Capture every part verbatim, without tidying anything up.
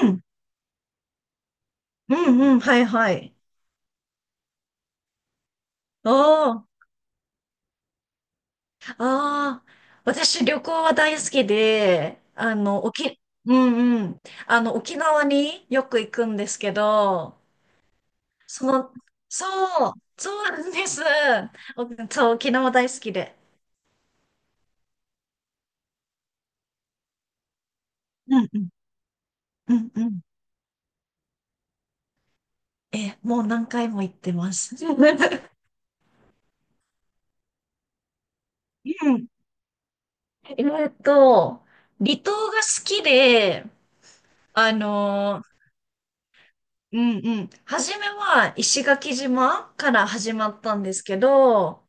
うん、うん、うん、はい、はい。おー、あー、私旅行は大好きで、あの、沖、うんうん、あの、沖縄によく行くんですけど、その、そう、そうなんです。おそう、沖縄大好きで。うんうん、うんうん。え、もう何回も行ってます。うん。えっと、離島が好きで、あのうんうん。初めは石垣島から始まったんですけど、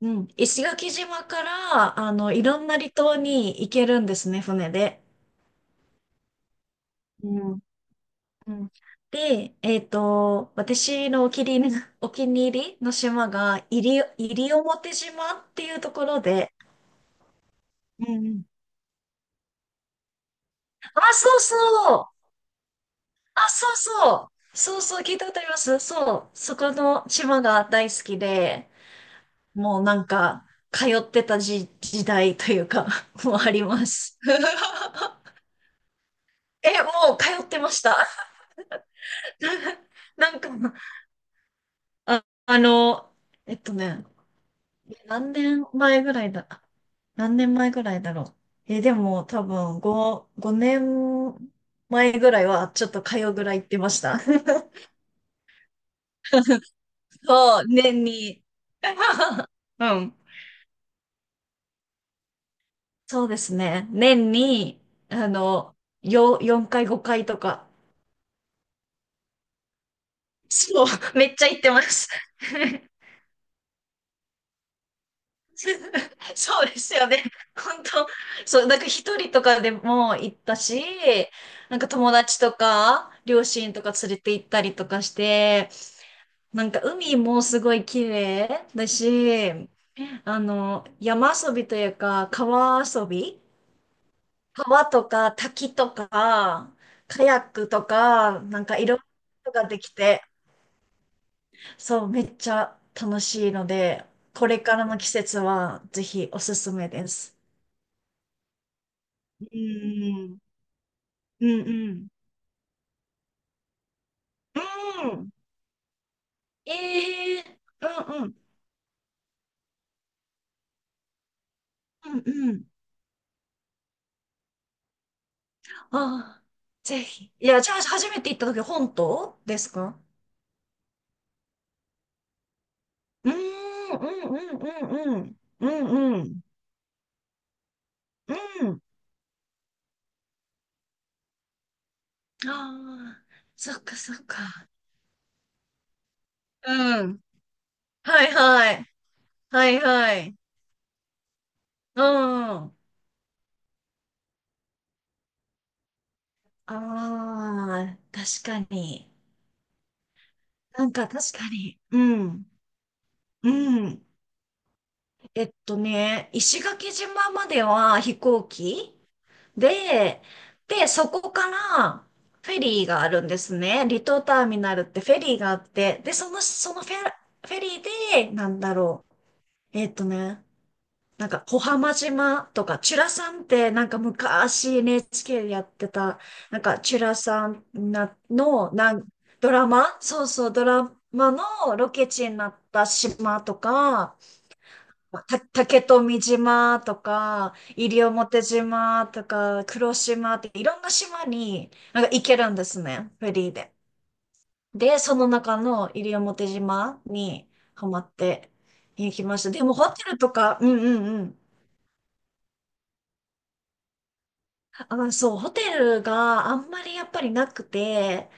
うん、石垣島から、あの、いろんな離島に行けるんですね、船で。うん。うん。で、えっと、私のお気に入りの、お気に入りの島が、西西表島っていうところで、うんうん。あ、そうそう。あ、そうそう。そうそう、聞いたことあります。そう。そこの島が大好きで、もうなんか、通ってた時、時代というか、もうあります。え、もう通ってました。なんか、あ、あの、えっとね、何年前ぐらいだ、何年前ぐらいだろう。え、でも多分5、ごねんまえぐらいはちょっと通うぐらい行ってました。そう、年に。うん。そうですね。年に、あの、よ、よんかいごかいとか。そう、めっちゃ行ってます。そうですよね。本当、そう、なんか一人とかでも行ったし、なんか友達とか、両親とか連れて行ったりとかして、なんか海もすごい綺麗だし、あの、山遊びというか、川遊び川とか滝とか、カヤックとか、なんかいろんなことができて、そう、めっちゃ楽しいので、これからの季節はぜひおすすめです。うん、うん、うん。うん。ええ、うんうん、うんうん。ああ、ぜひ。いや、じゃあ、初めて行った時、本島ですか？うーん、うんうんうんうん。うんうん。うん。ああ、そっかそっか。うん。はいはい。はいはい。うん。ああ、確かに。なんか確かに。うん。うん。えっとね、石垣島までは飛行機で、で、そこからフェリーがあるんですね。離島ターミナルってフェリーがあって、で、その、そのフェ、フェリーで、なんだろう。えっとね、なんか、小浜島とか、チュラさんって、なんか昔 エヌエイチケー でやってた、なんか、チュラさんなの、なん、ドラマ、そうそう、ドラマのロケ地になった島とか、た、竹富島とか、西表島とか、黒島って、いろんな島に、なんか行けるんですね、フェリーで。で、その中の西表島にハマって行きました。でも、ホテルとか、うんうんうん。あ、そう、ホテルがあんまりやっぱりなくて、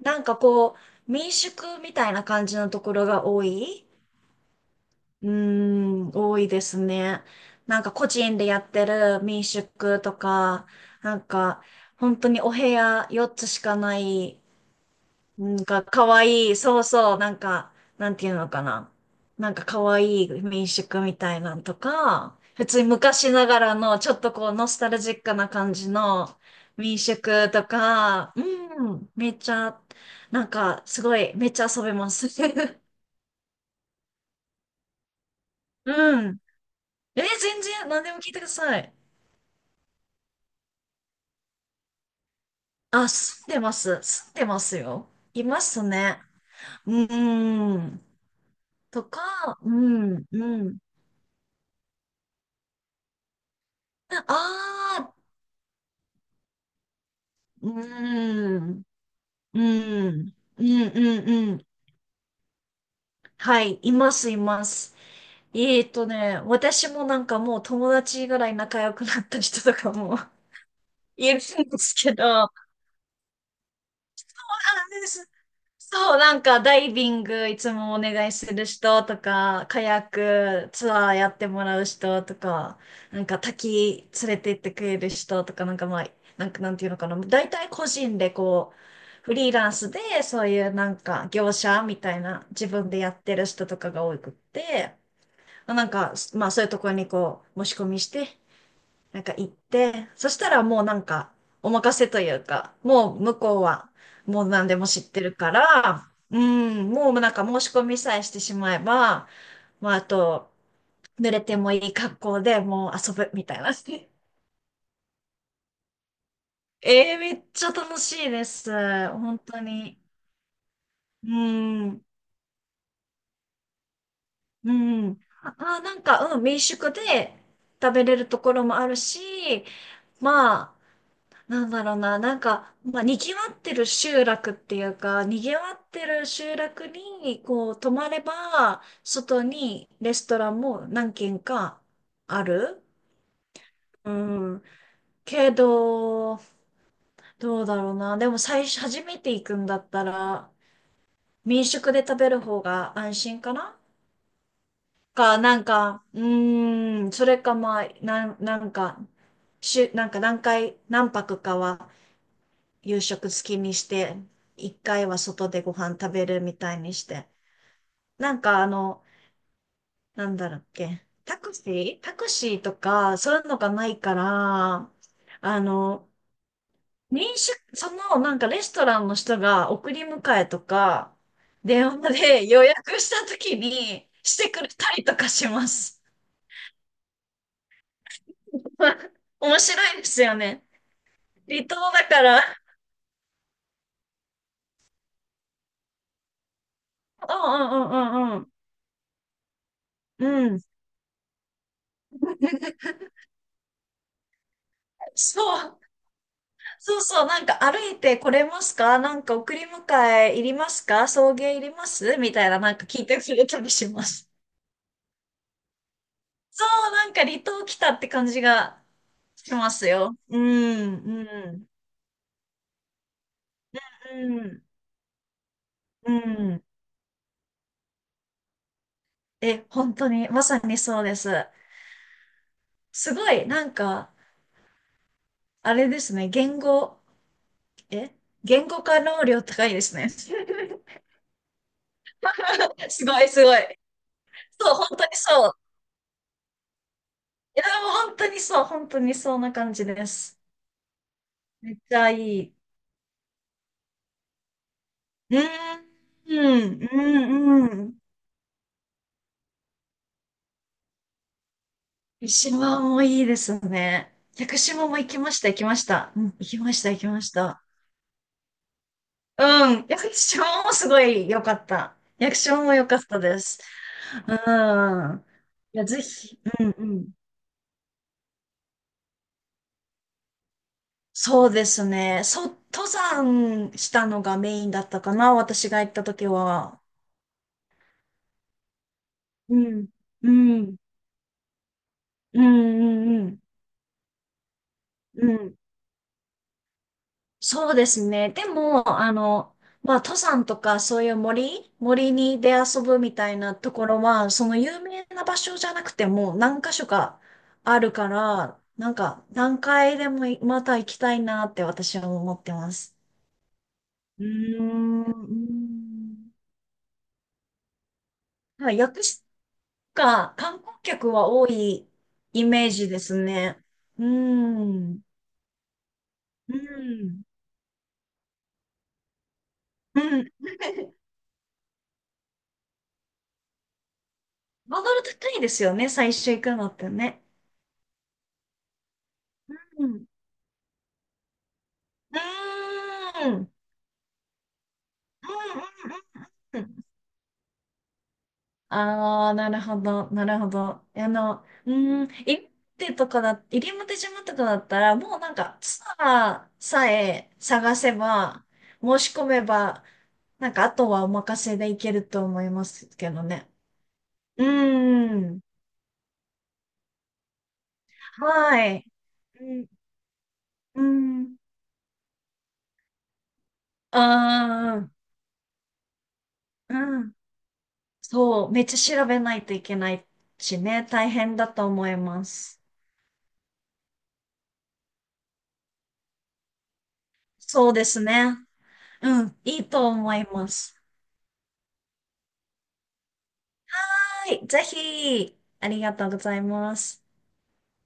なんかこう、民宿みたいな感じのところが多い。うーん、多いですね。なんか個人でやってる民宿とか、なんか本当にお部屋よっつしかないなんか、可わいい。そうそう。なんか、なんていうのかな。なんか、可愛いい民宿みたいなんとか、普通に昔ながらの、ちょっとこう、ノスタルジックな感じの民宿とか、うん、めっちゃ、なんか、すごい、めっちゃ遊べます。うん。え、全然、何でも聞いてください。あ、住んでます。住んでますよ。いますね。うん。とか、うん、うん。ああ、うーん、うーん、うん、うん、うん。はい、います、います。えーとね、私もなんかもう友達ぐらい仲良くなった人とかも いるんですけど、なんでです。そう、なんかダイビングいつもお願いする人とか、カヤックツアーやってもらう人とか、なんか滝連れて行ってくれる人とか、なんかまあ、なんかなんていうのかな、大体個人でこう、フリーランスでそういうなんか業者みたいな自分でやってる人とかが多くって、なんか、まあそういうところにこう、申し込みしてなんか行って、そしたらもうなんか、お任せというか、もう向こうは、もう何でも知ってるから、うん、もうなんか申し込みさえしてしまえば、まああと、濡れてもいい格好でもう遊ぶみたいな。ええ、めっちゃ楽しいです。本当に。うん、うん。あ、あなんか、うん、民宿で食べれるところもあるし、まあ、なんだろうな、なんか、まあ、賑わってる集落っていうか、賑わってる集落に、こう、泊まれば、外にレストランも何軒かある。うん。けど、どうだろうな。でも最初、初めて行くんだったら、民宿で食べる方が安心かな、か、なんか、うーん、それかまあ、なん、なんか、しゅ、なんか何回、何泊かは夕食好きにして、一回は外でご飯食べるみたいにして。なんかあの、なんだろうっけ、タクシータクシーとか、そういうのがないから、あの、民宿、そのなんかレストランの人が送り迎えとか、電話で予約した時にしてくれたりとかします。面白いですよね。離島だから。うんうんうんうんうん。うん。そう。そうそう、なんか歩いてこれますか、なんか送り迎えいりますか、送迎いりますみたいな、なんか聞いてくれたりします。そう、なんか離島来たって感じがしますよ。うん、うん、うん、うん。え、本当に、まさにそうです。すごい、なんか、あれですね、言語、え言語化能量高いですね。すごい、すごい。そう、本当にそう。いや、でも本当にそう、本当にそんな感じです。めっちゃいい。うん、うん、うん。湯島もいいですね。屋久島も行きました、行きました。うん、行きました、行きました。うん、屋久島もすごい良かった。屋久島も良かったです。うん。いや、ぜひ、うん、うん。そうですね。そう、登山したのがメインだったかな、私が行った時は。うん、うん、うん、うん、うん。うん、そうですね。でも、あの、まあ、登山とかそういう森、森に出遊ぶみたいなところは、その有名な場所じゃなくても何箇所かあるから、なんか何回でもいまた行きたいなって私は思ってます。うーん、うーん、はい、薬師が観光客は多いイメージですね。うーん。うん、うん。ハードル高 いですよね、最初行くのってね。うん、うーん。うんうんうんうん、ああ、なるほど、なるほど。あの、うーん、入り手とかだ、入り表島とかだったら、もうなんか、ツアーさえ探せば、申し込めば、なんか、あとはお任せでいけると思いますけどね。うーん、はい。うん、うん、あー、うん、そう、めっちゃ調べないといけないしね、大変だと思います。そうですね。うん、いいと思います。はい、ぜひ、ありがとうございます。